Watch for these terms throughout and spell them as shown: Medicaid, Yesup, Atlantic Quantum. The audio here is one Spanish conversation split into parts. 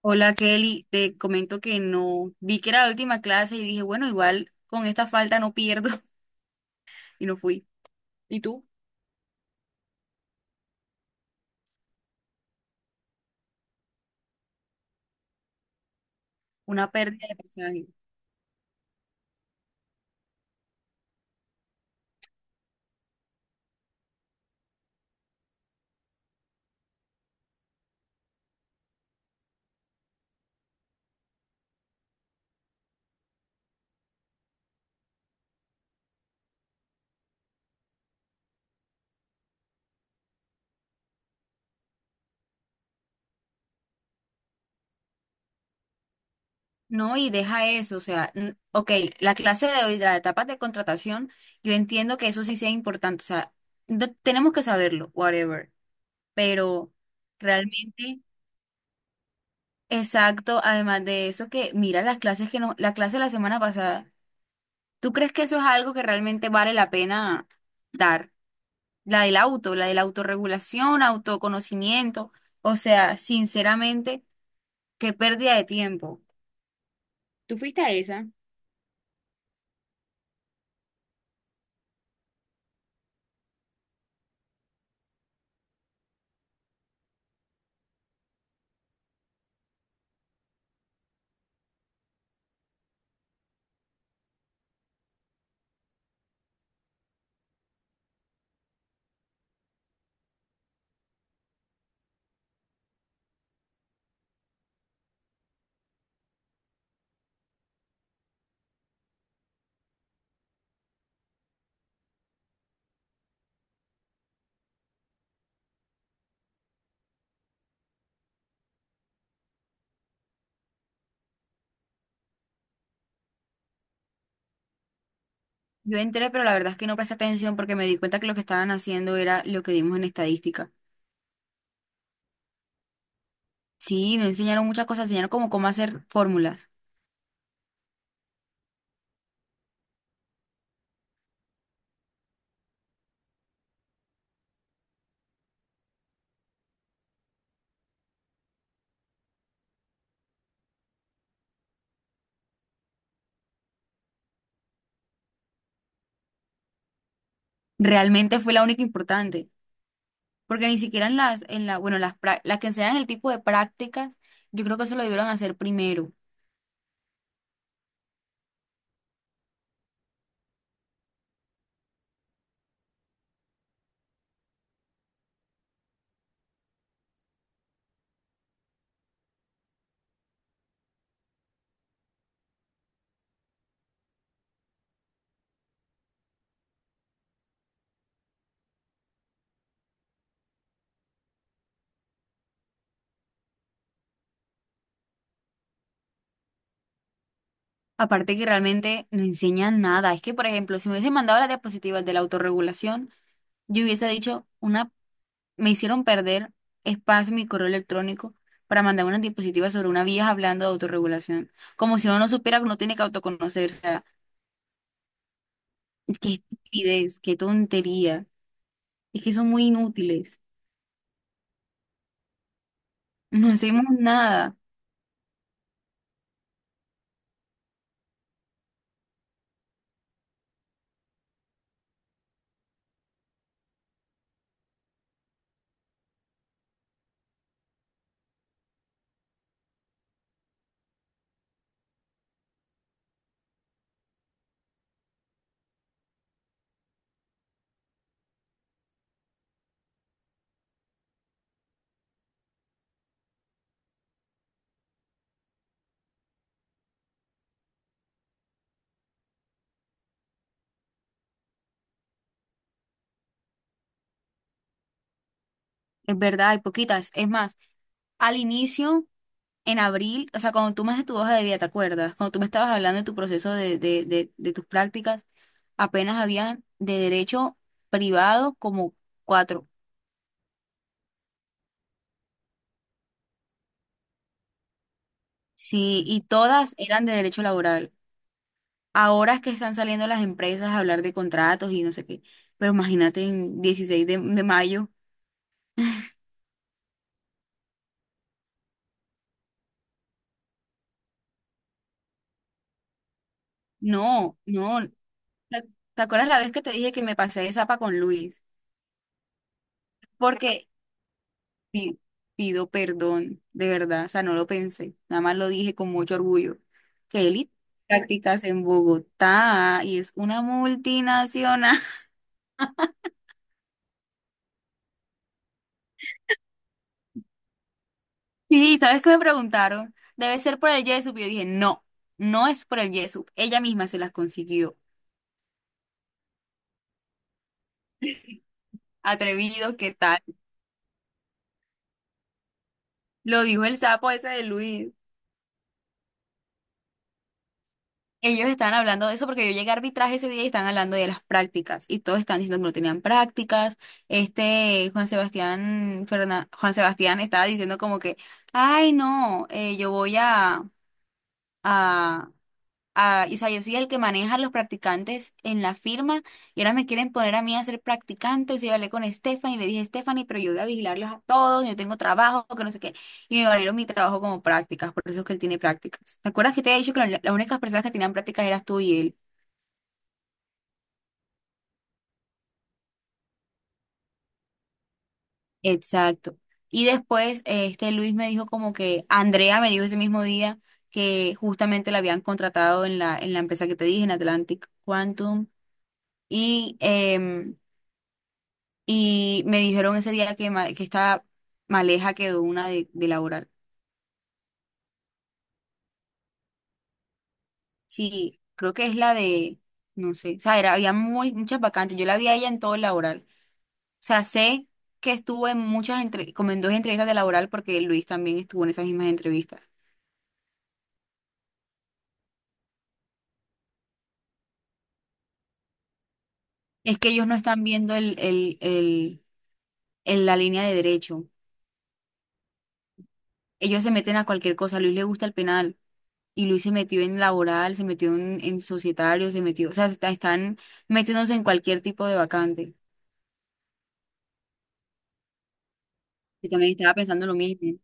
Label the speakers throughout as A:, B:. A: Hola Kelly, te comento que no vi que era la última clase y dije, bueno, igual con esta falta no pierdo y no fui. ¿Y tú? Una pérdida de pasaje. No, y deja eso, o sea, ok, la clase de hoy, la etapa de contratación, yo entiendo que eso sí sea importante, o sea, tenemos que saberlo, whatever, pero realmente, exacto, además de eso que mira las clases que no, la clase de la semana pasada, ¿tú crees que eso es algo que realmente vale la pena dar? La del auto, la de la autorregulación, autoconocimiento. O sea, sinceramente, qué pérdida de tiempo. ¿Tú fuiste a esa? Yo entré, pero la verdad es que no presté atención porque me di cuenta que lo que estaban haciendo era lo que dimos en estadística. Sí, no enseñaron muchas cosas, enseñaron como cómo hacer fórmulas. Realmente fue la única importante, porque ni siquiera en las, en la, bueno, las, prá- las que enseñan el tipo de prácticas, yo creo que eso lo debieron hacer primero. Aparte que realmente no enseñan nada. Es que, por ejemplo, si me hubiesen mandado las diapositivas de la autorregulación, yo hubiese dicho, una, me hicieron perder espacio en mi correo electrónico para mandar unas diapositiva sobre una vieja hablando de autorregulación. Como si uno no supiera que uno tiene que autoconocerse. O sea, qué estupidez, qué tontería. Es que son muy inútiles. No hacemos nada. Es verdad, hay poquitas. Es más, al inicio, en abril, o sea, cuando tú me haces tu hoja de vida, ¿te acuerdas? Cuando tú me estabas hablando de tu proceso de tus prácticas, apenas habían de derecho privado como cuatro. Sí, y todas eran de derecho laboral. Ahora es que están saliendo las empresas a hablar de contratos y no sé qué. Pero imagínate en 16 de mayo. No, no. ¿Te te acuerdas la vez que te dije que me pasé de zapa con Luis? Porque pi- pido perdón, de verdad. O sea, no lo pensé. Nada más lo dije con mucho orgullo. Que él hizo prácticas en Bogotá y es una multinacional. Sí, ¿sabes qué me preguntaron? Debe ser por el Yesup. Y yo dije, no, no es por el Yesup. Ella misma se las consiguió. Atrevido, ¿qué tal? Lo dijo el sapo ese de Luis. Ellos estaban hablando de eso porque yo llegué a arbitraje ese día y están hablando de las prácticas. Y todos están diciendo que no tenían prácticas. Este Juan Sebastián, Juan Sebastián estaba diciendo como que, ay, no, yo voy a, a, y, o sea, yo soy el que maneja a los practicantes en la firma y ahora me quieren poner a mí a ser practicante. O sea, yo hablé con Stephanie y le dije, Stephanie, pero yo voy a vigilarlos a todos, yo tengo trabajo, que no sé qué. Y me valieron mi trabajo como prácticas, por eso es que él tiene prácticas. ¿Te acuerdas que te había dicho que las únicas personas que tenían prácticas eras tú y él? Exacto. Y después este Luis me dijo como que Andrea me dijo ese mismo día que justamente la habían contratado en la empresa que te dije, en Atlantic Quantum. Y em, Y me dijeron ese día que, que esta maleja quedó una de laboral. Sí, creo que es la de, no sé, o sea, había muchas vacantes. Yo la vi a ella en todo el laboral. O sea, sé que estuvo en muchas, entre, como en dos entrevistas de laboral porque Luis también estuvo en esas mismas entrevistas. Es que ellos no están viendo la línea de derecho. Ellos se meten a cualquier cosa. A Luis le gusta el penal. Y Luis se metió en laboral, se metió en societario, se metió, o sea, están metiéndose en cualquier tipo de vacante. Yo también estaba pensando lo mismo.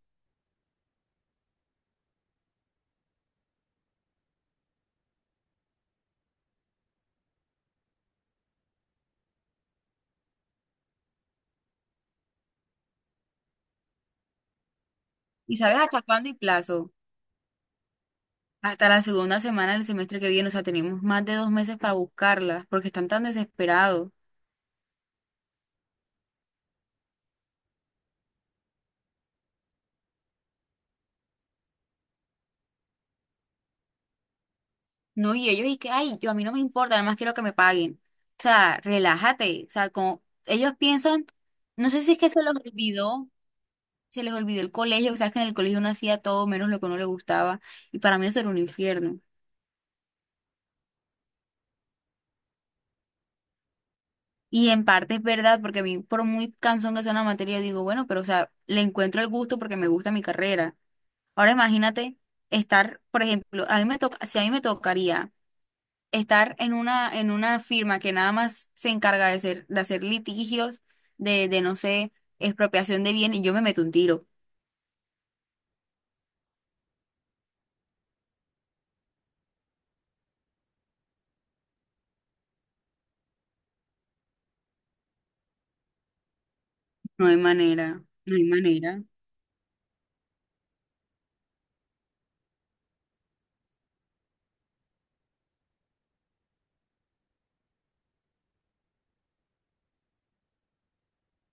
A: ¿Y sabes hasta cuándo y plazo? Hasta la segunda semana del semestre que viene, o sea, tenemos más de 2 meses para buscarlas, porque están tan desesperados. No, y ellos, y que, ay, yo a mí no me importa, además quiero que me paguen. O sea, relájate. O sea, como ellos piensan, no sé si es que se los olvidó, se les olvidó el colegio, o sea, que en el colegio uno hacía todo menos lo que a uno le gustaba, y para mí eso era un infierno. Y en parte es verdad, porque a mí, por muy cansón que sea una materia, digo, bueno, pero o sea, le encuentro el gusto porque me gusta mi carrera. Ahora imagínate estar, por ejemplo, a mí me toca, si a mí me tocaría estar en una firma que nada más se encarga de hacer litigios, de no sé, expropiación de bienes, yo me meto un tiro. No hay manera, no hay manera.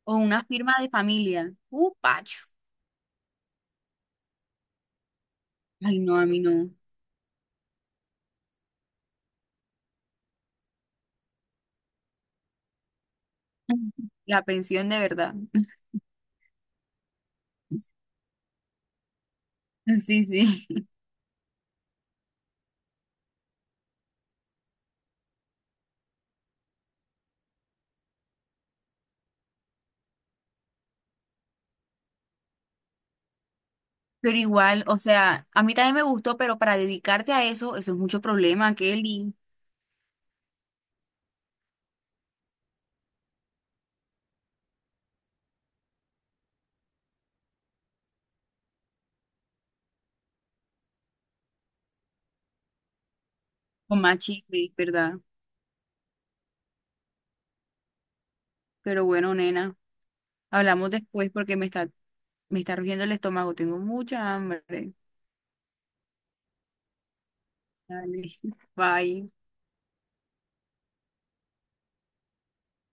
A: O una firma de familia. Pacho. Ay, no, a mí no. La pensión de verdad. Sí, sí. Pero igual, o sea, a mí también me gustó, pero para dedicarte a eso, eso es mucho problema, Kelly. Con más chisme, ¿verdad? Pero bueno, nena. Hablamos después porque me está rugiendo el estómago. Tengo mucha hambre. Dale, bye.